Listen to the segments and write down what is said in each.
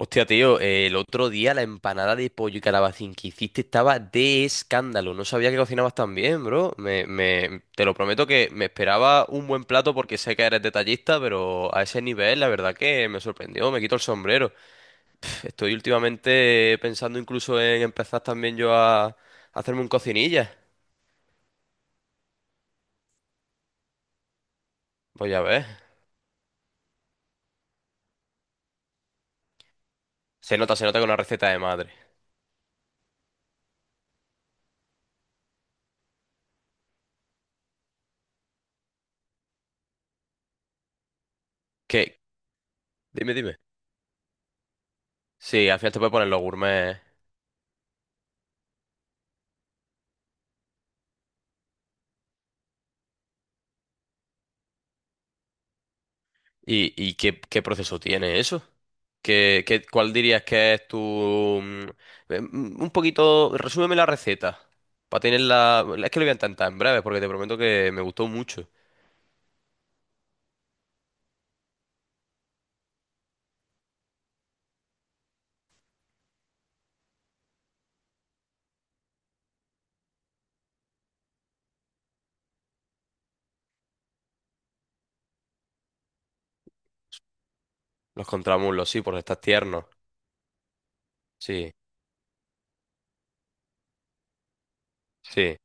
Hostia, tío, el otro día la empanada de pollo y calabacín que hiciste estaba de escándalo. No sabía que cocinabas tan bien, bro. Te lo prometo que me esperaba un buen plato porque sé que eres detallista, pero a ese nivel la verdad que me sorprendió, me quito el sombrero. Estoy últimamente pensando incluso en empezar también yo a hacerme un cocinilla. Pues ya ves. Se nota que es una receta de madre. ¿Qué? Dime, dime. Sí, al final te puedes poner los gourmet. ¿Y, qué proceso tiene eso? ¿ Cuál dirías que es tu... un poquito, resúmeme la receta. Para tenerla... Es que lo voy a intentar en breve porque te prometo que me gustó mucho. Los contramuslos, sí, porque estás tierno. Sí, sí,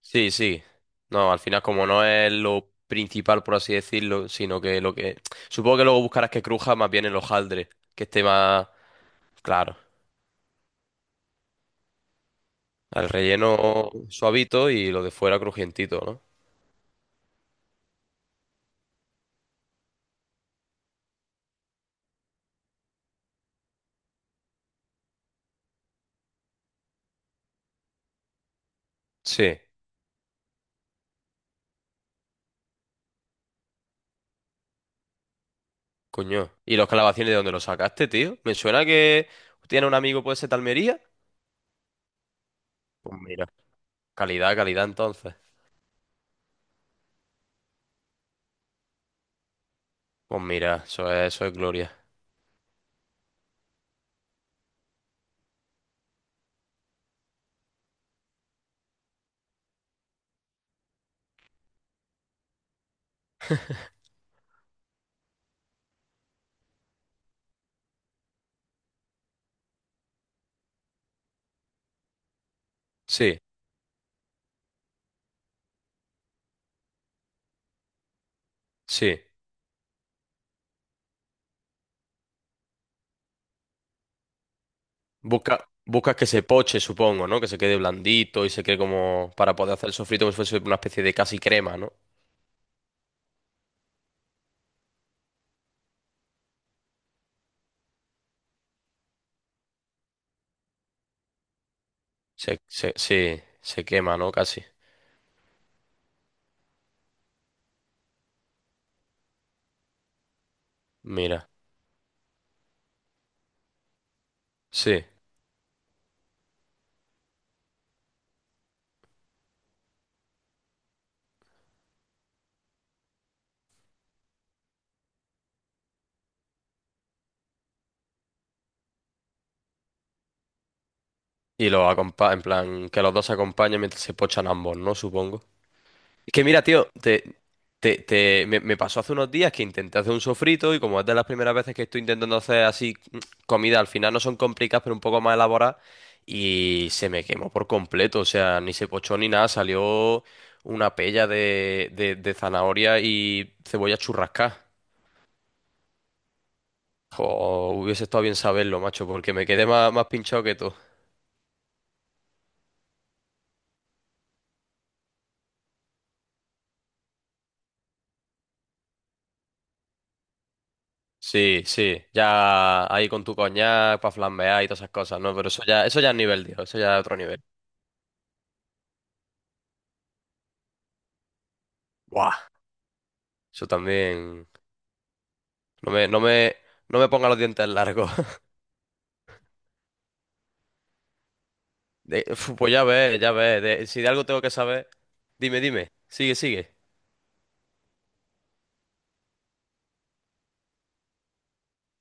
sí, sí. No, al final como no es lo principal, por así decirlo, sino que lo que... Supongo que luego buscarás que cruja más bien el hojaldre, que esté más... Claro, el relleno suavito y lo de fuera crujientito, ¿no? Sí. Coño. ¿Y los calabacines de dónde los sacaste, tío? Me suena que tiene un amigo, puede ser de Almería. Pues mira. Calidad, calidad entonces. Pues mira, eso es gloria. Sí, sí. Busca, buscas que se poche, supongo, ¿no? Que se quede blandito y se quede como para poder hacer el sofrito como si fuese una especie de casi crema, ¿no? Sí, se quema, ¿no? Casi. Mira. Sí. Y los acompa en plan, que los dos se acompañen mientras se pochan ambos, ¿no? Supongo. Es que mira, tío, me pasó hace unos días que intenté hacer un sofrito y como es de las primeras veces que estoy intentando hacer así comida, al final no son complicadas, pero un poco más elaboradas, y se me quemó por completo, o sea, ni se pochó ni nada, salió una pella de zanahoria y cebolla churrascada. Jo, hubiese estado bien saberlo, macho, porque me quedé más, más pinchado que tú. Sí, sí, ya ahí con tu coñac para flambear y todas esas cosas, ¿no? Pero eso ya es nivel, tío, eso ya es otro nivel. ¡Buah! Eso también. No me, no me, no me ponga los dientes largos. De- uf, pues ya ves, ya ves. De- si de algo tengo que saber, dime, dime. Sigue, sigue.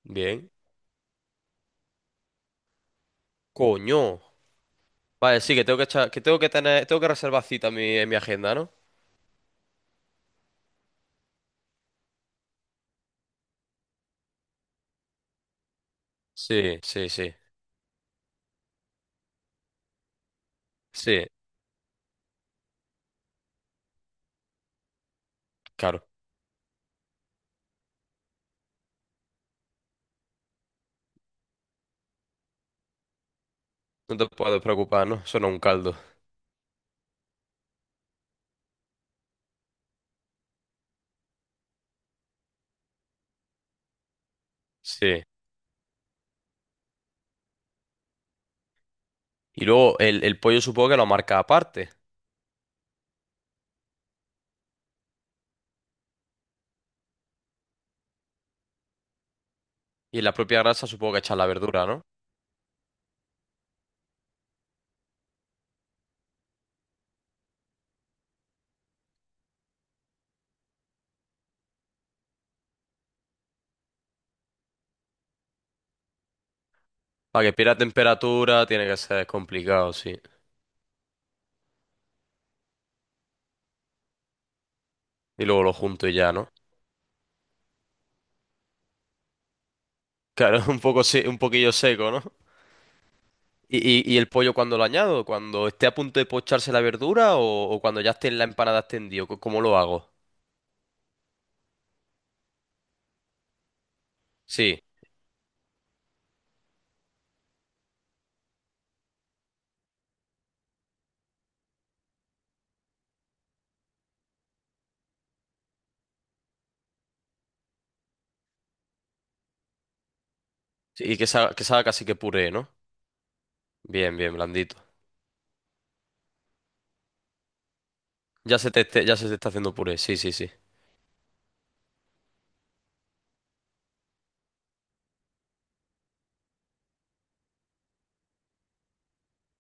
Bien. Coño. Vale, sí, que tengo que echar- que tengo que tener, tengo que reservar cita en mi agenda, ¿no? Sí, sí, sí. Sí, claro. No te puedes preocupar, ¿no? Eso no es un caldo. Sí. Y luego el pollo supongo que lo marca aparte. Y en la propia grasa supongo que echar la verdura, ¿no? Para que pierda temperatura tiene que ser complicado, sí. Y luego lo junto y ya, ¿no? Claro, un poco, se- un poquillo seco, ¿no? ¿Y, y el pollo cuando lo añado? ¿Cuando esté a punto de pocharse la verdura o cuando ya esté en la empanada extendido? Co- ¿Cómo lo hago? Sí, sí, y que salga casi que puré, ¿no? Bien, bien, blandito. Ya se te, esté- ya se te está haciendo puré, sí, sí, sí.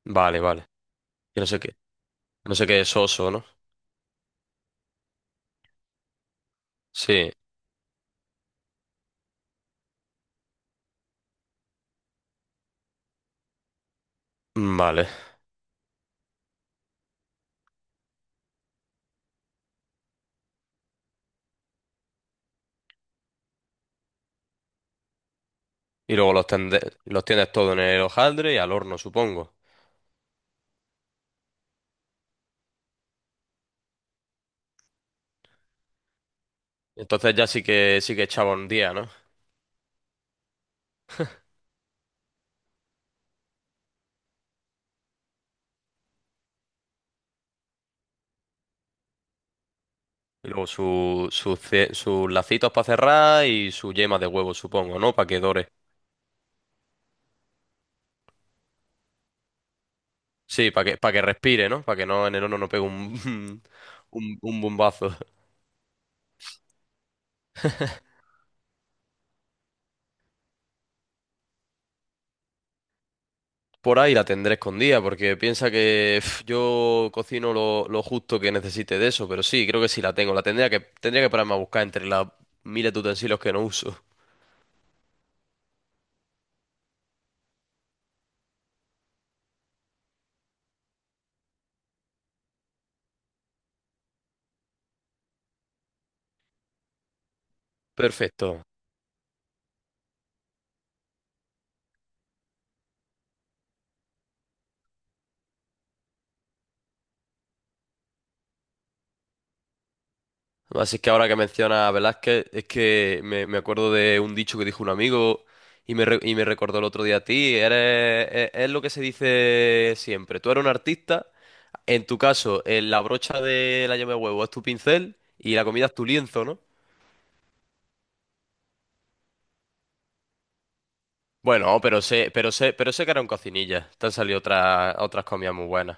Vale, vale. Que no sé qué, no sé qué es soso, ¿no? Sí, vale. Y luego los, tende- los tienes todo en el hojaldre y al horno, supongo. Entonces ya sí que echaba un día, ¿no? Y luego su, su ce- sus lacitos para cerrar y su yema de huevo, supongo, ¿no? Para que dore. Sí, para que respire, ¿no? Para que no en el horno no pegue un, un bombazo. Por ahí la tendré escondida, porque piensa que pf, yo cocino lo justo que necesite de eso, pero sí, creo que sí la tengo. La tendría que pararme a buscar entre las miles de utensilios que no uso. Perfecto. Además, es que ahora que menciona a Velázquez, es que me acuerdo de un dicho que dijo un amigo y me, re- y me recordó el otro día a ti. Eres, es lo que se dice siempre. Tú eres un artista, en tu caso, la brocha de la llama de huevo es tu pincel y la comida es tu lienzo, ¿no? Bueno, pero sé, pero sé, pero sé que era un cocinilla. Te han salido otras, otras comidas muy buenas.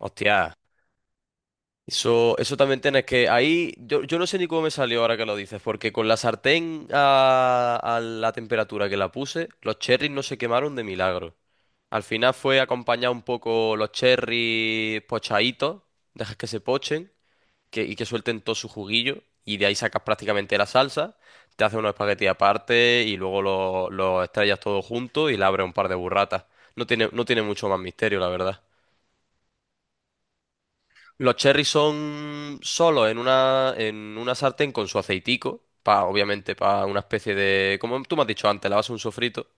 Hostia. Eso también tienes que. Ahí, yo no sé ni cómo me salió ahora que lo dices, porque con la sartén a la temperatura que la puse, los cherries no se quemaron de milagro. Al final fue acompañar un poco los cherries pochaditos, dejas que se pochen que, y que suelten todo su juguillo, y de ahí sacas prácticamente la salsa, te haces unos espaguetis aparte y luego los estrellas todo junto y le abres un par de burratas. No tiene, no tiene mucho más misterio, la verdad. Los cherries son solos en una sartén con su aceitico, pa, obviamente para una especie de, como tú me has dicho antes, la base de un sofrito.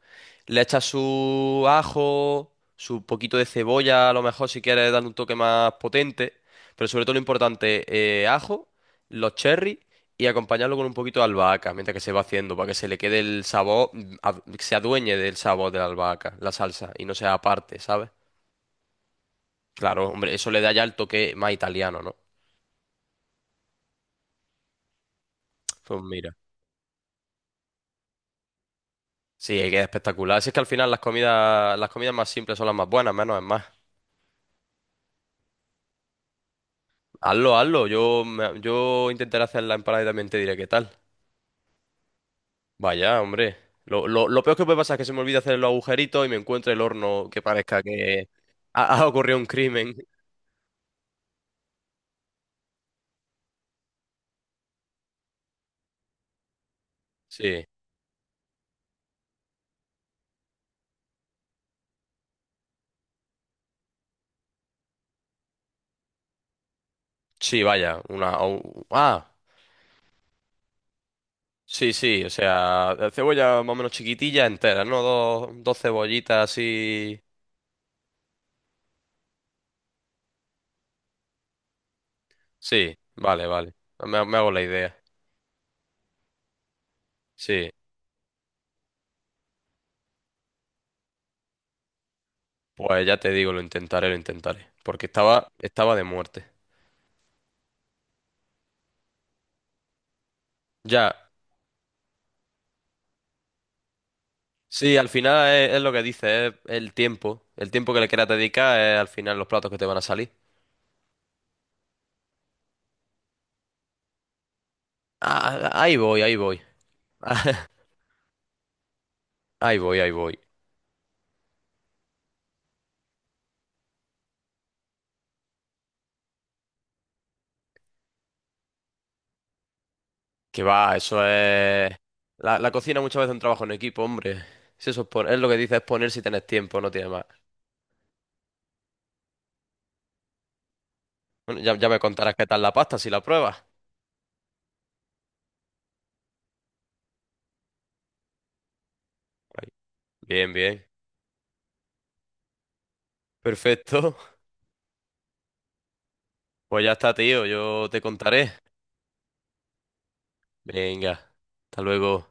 Le echas su ajo, su poquito de cebolla, a lo mejor si quieres darle un toque más potente, pero sobre todo lo importante, ajo, los cherries y acompañarlo con un poquito de albahaca mientras que se va haciendo, para que se le quede el sabor, ad- que se adueñe del sabor de la albahaca, la salsa, y no sea aparte, ¿sabes? Claro, hombre, eso le da ya el toque más italiano, ¿no? Pues mira. Sí, es que es espectacular. Si es que al final las comidas más simples son las más buenas, menos es más. Hazlo, hazlo. Yo, me- yo intentaré hacer la empanada y también te diré qué tal. Vaya, hombre. Lo peor que puede pasar es que se me olvide hacer los agujeritos y me encuentre el horno que parezca que ha, ha ocurrido un crimen. Sí, sí, vaya. Una. O- ah, sí, sí. O sea, cebolla más o menos chiquitilla entera, ¿no? Dos, dos cebollitas así. Sí, vale, vale. Me me hago la idea. Sí. Pues ya te digo, lo intentaré, lo intentaré. Porque estaba, estaba de muerte. Ya. Sí, al final es lo que dice, es el tiempo. El tiempo que le quieras dedicar es al final los platos que te van a salir. Ah, ahí voy, ahí voy. Ahí voy, ahí voy. Que va, eso es... La cocina muchas veces es un trabajo en equipo, hombre. Si eso es, pon- es lo que dice, es poner si tienes tiempo, no tienes más. Bueno, ya, ya me contarás qué tal la pasta si la pruebas. Ahí. Bien, bien. Perfecto. Pues ya está, tío. Yo te contaré. Venga. Hasta luego.